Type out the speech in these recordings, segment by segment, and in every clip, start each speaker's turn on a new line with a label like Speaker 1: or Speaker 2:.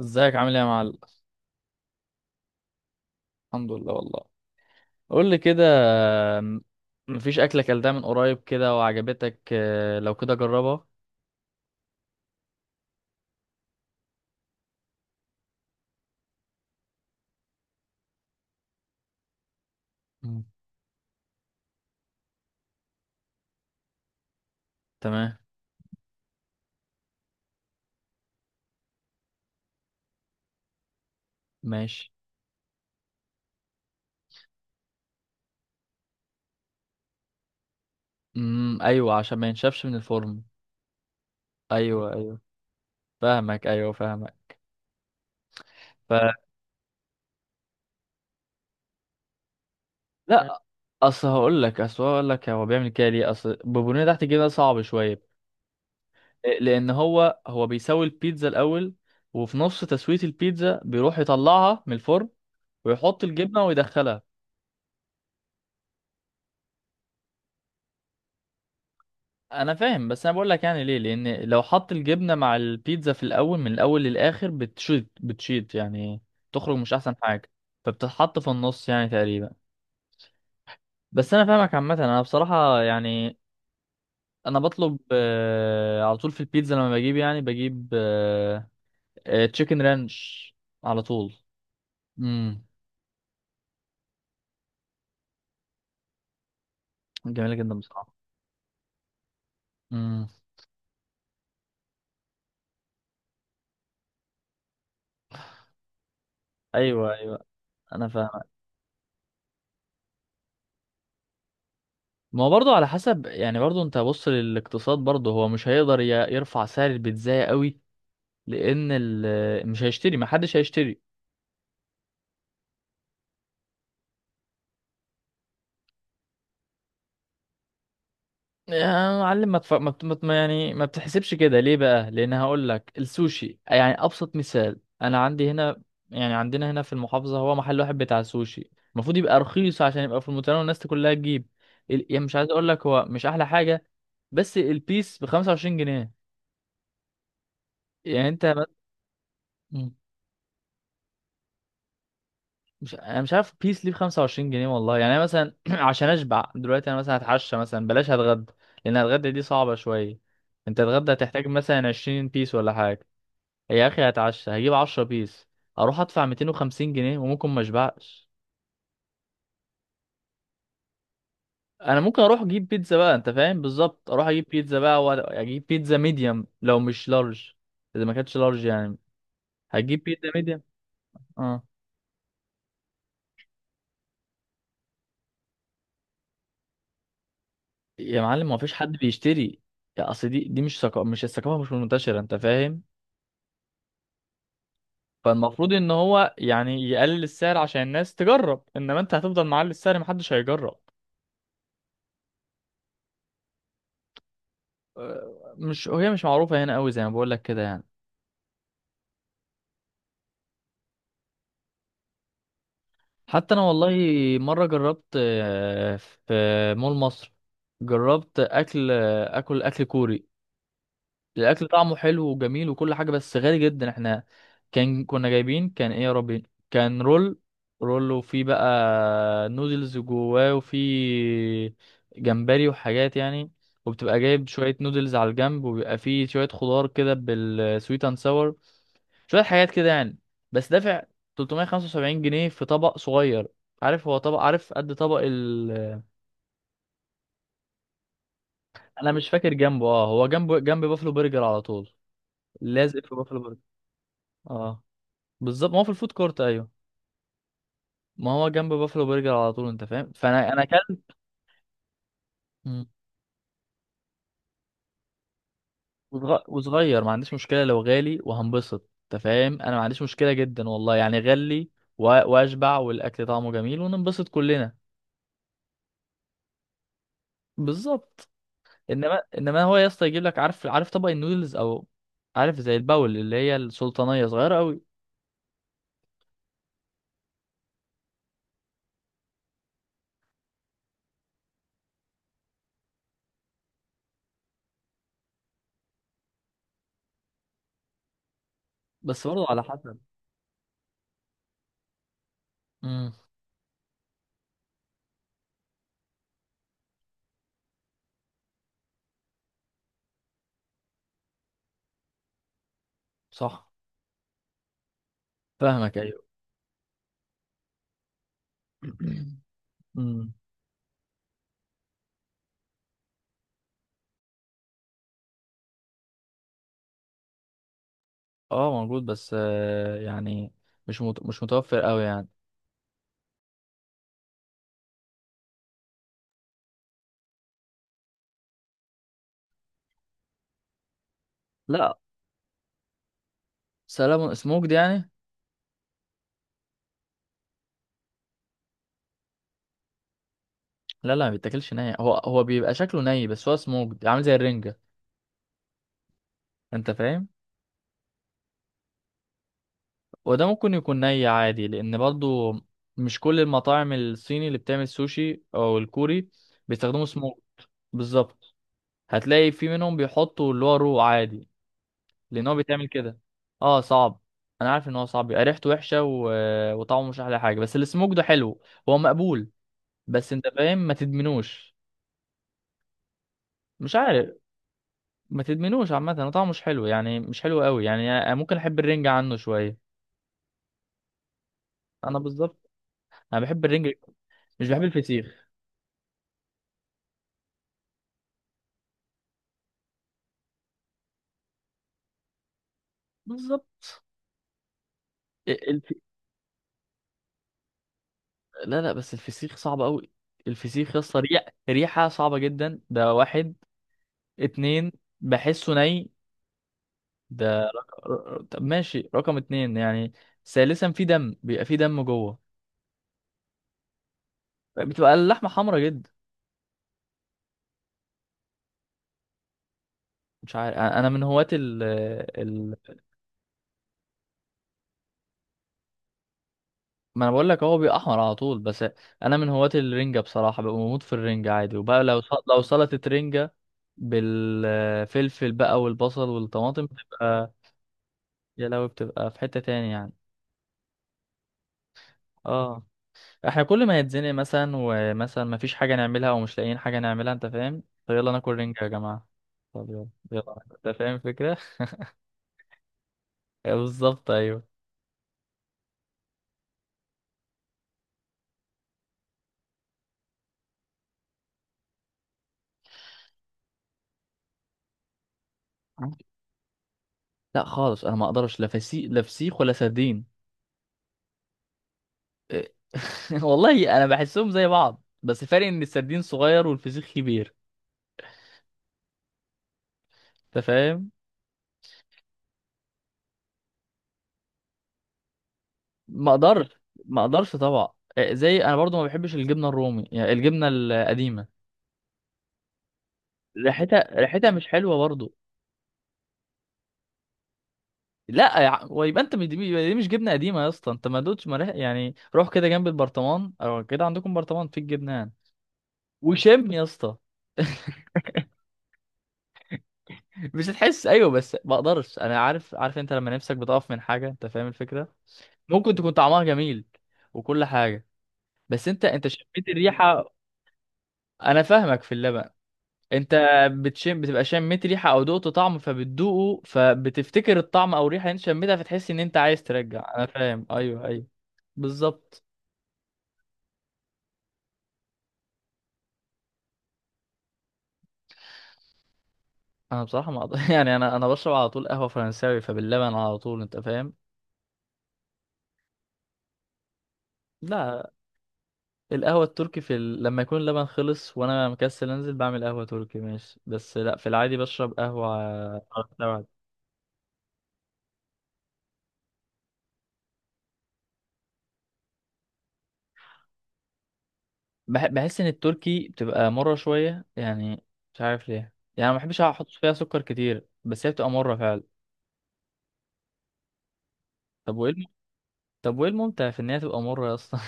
Speaker 1: ازيك عامل ايه يا معلم؟ الحمد لله والله. قول لي كده. م- مفيش اكله اكلتها من قريب كده وعجبتك؟ آه، لو كده جربها. مم. تمام. ماشي. امم، ايوه، عشان ما ينشفش من الفرن. ايوه، ايوه. فاهمك، ايوه، فاهمك. ف لا. اصل هقول لك، هو بيعمل كده ليه؟ اصل بوبونيه تحت الجبنه صعب شويه. آه، لان هو بيسوي البيتزا الاول. وفي نص تسويه البيتزا بيروح يطلعها من الفرن ويحط الجبنه ويدخلها. انا فاهم، بس انا بقول لك يعني ليه. لان لو حط الجبنه مع البيتزا في الاول، من الاول للاخر بتشيط بتشيط يعني، تخرج مش احسن حاجه. فبتتحط في النص يعني تقريبا. بس انا فاهمك عامه. انا بصراحه يعني انا بطلب، على طول في البيتزا لما بجيب يعني بجيب تشيكن رانش، على طول. امم. جميله جدا بصراحه. امم، ايوه، ايوه، انا فاهم. ما هو برضه على حسب، يعني برضه انت بص للاقتصاد، برضه هو مش هيقدر يرفع سعر البيتزا قوي. لان مش هيشتري، ما حدش هيشتري. يا معلم، ما تف... ما بت... ما بت- يعني ما بتحسبش كده ليه بقى؟ لان هقول لك السوشي يعني ابسط مثال انا عندي هنا. يعني عندنا هنا في المحافظه هو محل واحد بتاع سوشي، المفروض يبقى رخيص عشان يبقى في المتناول والناس كلها تجيب. يعني مش عايز اقول لك هو مش احلى حاجه، بس البيس ب 25 جنيه يعني. انت مش، انا مش عارف بيس ليه ب 25 جنيه والله. يعني انا مثلا عشان اشبع دلوقتي، انا مثلا هتعشى مثلا، بلاش هتغدى لان هتغدى دي صعبة شوية. انت تتغدى هتحتاج مثلا 20 بيس ولا حاجة. يا اخي هتعشى هجيب 10 بيس، اروح ادفع 250 جنيه وممكن ما اشبعش. انا ممكن اروح اجيب بيتزا بقى، انت فاهم، بالظبط، اروح اجيب بيتزا بقى واجيب بيتزا ميديوم لو مش لارج. اذا ما كانتش لارج يعني هتجيب بيتزا ميديوم. اه. يا معلم ما فيش حد بيشتري. يا اصل دي مش الثقافة مش منتشرة، انت فاهم. فالمفروض ان هو يعني يقلل السعر عشان الناس تجرب. انما انت هتفضل معلي السعر، محدش هيجرب. آه، مش، هي مش معروفة هنا قوي، زي ما بقول لك كده يعني. حتى انا والله، مرة جربت، في مول مصر، جربت اكل آه، اكل اكل كوري. الاكل طعمه حلو وجميل وكل حاجه بس غالي جدا. احنا كان كنا جايبين، كان ايه يا ربي؟ كان رول. رول، وفي بقى نودلز جواه، وفي جمبري وحاجات يعني. وبتبقى جايب شويه نودلز على الجنب، وبيبقى فيه شويه خضار كده بالسويت اند ساور، شويه حاجات كده يعني. بس دافع 375 جنيه في طبق صغير. عارف هو طبق؟ عارف قد طبق انا مش فاكر جنبه. اه، هو جنبه جنب بافلو برجر على طول، لازق في بافلو برجر. اه، بالظبط، ما هو في الفود كورت. ايوه، ما هو جنب بافلو برجر على طول، انت فاهم. فانا اكلت. مم. وصغير، ما عنديش مشكله لو غالي وهنبسط، انت فاهم. انا ما عنديش مشكله جدا والله. يعني غلي و- واشبع، والاكل طعمه جميل وننبسط كلنا. بالظبط. انما هو يا اسطى يجيب لك، عارف، عارف طبق النودلز، او عارف زي الباول اللي هي السلطانيه صغيره قوي. بس برضه على حسب. امم. صح. فاهمك، ايوه. امم. اه موجود، بس يعني مش متوفر قوي يعني. لا. سلام سموكد يعني؟ لا، لا، ما بيتاكلش ني. هو بيبقى شكله ني بس هو سموكد عامل زي الرنجة، انت فاهم. وده ممكن يكون ني عادي، لان برضو مش كل المطاعم الصيني اللي بتعمل سوشي او الكوري بيستخدموا سموك. بالظبط. هتلاقي في منهم بيحطوا اللي هو رو عادي، لان هو بيتعمل كده. اه صعب. انا عارف ان هو صعب، بيبقى ريحته وحشة، و... وطعمه مش احلى حاجة، بس السموك ده حلو، هو مقبول. بس انت فاهم، ما تدمنوش. مش عارف. ما تدمنوش عامة، هو طعمه مش حلو يعني، مش حلو قوي يعني، ممكن أحب الرنجة عنه شوية. أنا بالظبط، أنا بحب الرنجة، مش بحب الفسيخ. بالظبط. ال- الف... لا، لا، بس الفسيخ صعب قوي. الفسيخ يا اسطى، ريحة صعبة جدا، ده واحد. اتنين، بحسه ني. ده طب ماشي، رقم اتنين يعني. ثالثا، في دم، بيبقى في دم جوه. بتبقى اللحمة حمرا جدا. مش عارف. أنا من هواة ما انا بقول لك هو بيبقى احمر على طول. بس انا من هواة الرنجة بصراحة، ببقى بموت في الرنجة عادي. وبقى لو لو سلطة رنجة بالفلفل بقى والبصل والطماطم يا لهوي، بتبقى في حتة تاني يعني. اه. احنا كل ما يتزنق مثلا، ومثلا ما فيش حاجة نعملها او مش لاقيين حاجة نعملها، انت فاهم، طب يلا ناكل رنجة يا جماعة. طب يلا. يلا. انت فاهم الفكرة. بالظبط، ايوه. لا خالص، انا ما اقدرش، لا فسيخ، لا فسيخ ولا سردين. إيه. والله انا بحسهم زي بعض، بس فرق ان السردين صغير والفسيخ كبير، انت فاهم. ما اقدرش، ما اقدرش طبعا. آه، زي انا برضو ما بحبش الجبنه الرومي، يعني الجبنه القديمه، ريحتها مش حلوه برضو. لا يا ويبقى انت مش دي يبقى دي مش جبنه قديمه يا اسطى. انت ما دوتش، ما ريح- يعني روح كده جنب البرطمان، او كده عندكم برطمان في الجبنان، وشم يا اسطى. مش هتحس، ايوه، بس ما اقدرش. انا عارف، عارف انت لما نفسك بتقف من حاجه، انت فاهم الفكره. ممكن تكون طعمها جميل وكل حاجة، بس انت شميت الريحة. انا فاهمك في اللبن. انت بتشم، بتبقى شميت ريحة او دقت طعم فبتدوقه، فبتفتكر الطعم او الريحة اللي انت شميتها، فتحس ان انت عايز ترجع. انا فاهم، ايوه، ايوه. بالظبط. انا بصراحة ما أقدر- يعني انا بشرب على طول قهوة فرنساوي فباللبن على طول، انت فاهم. لا. القهوة التركي في لما يكون اللبن خلص وانا مكسل، انزل بعمل قهوة تركي، ماشي. بس لا، في العادي بشرب قهوة فرنساوي. بحس ان التركي بتبقى مرة شوية يعني، مش عارف ليه يعني، ما بحبش احط فيها سكر كتير، بس هي بتبقى مرة فعلا. طب وايه طب وايه الممتع في ان هي تبقى مرة يا اسطى؟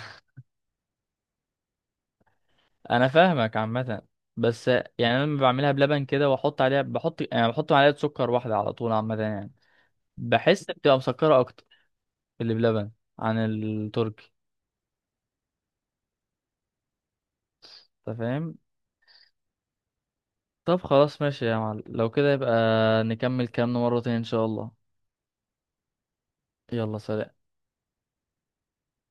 Speaker 1: انا فاهمك عامة. بس يعني انا لما بعملها بلبن كده واحط عليها، بحط يعني بحط معلقة سكر واحدة على طول عامة يعني، بحس بتبقى مسكرة اكتر اللي بلبن عن التركي، انت فاهم. طب خلاص ماشي يا معلم، لو كده يبقى نكمل كلامنا مرة تانية ان شاء الله. يلا، سلام.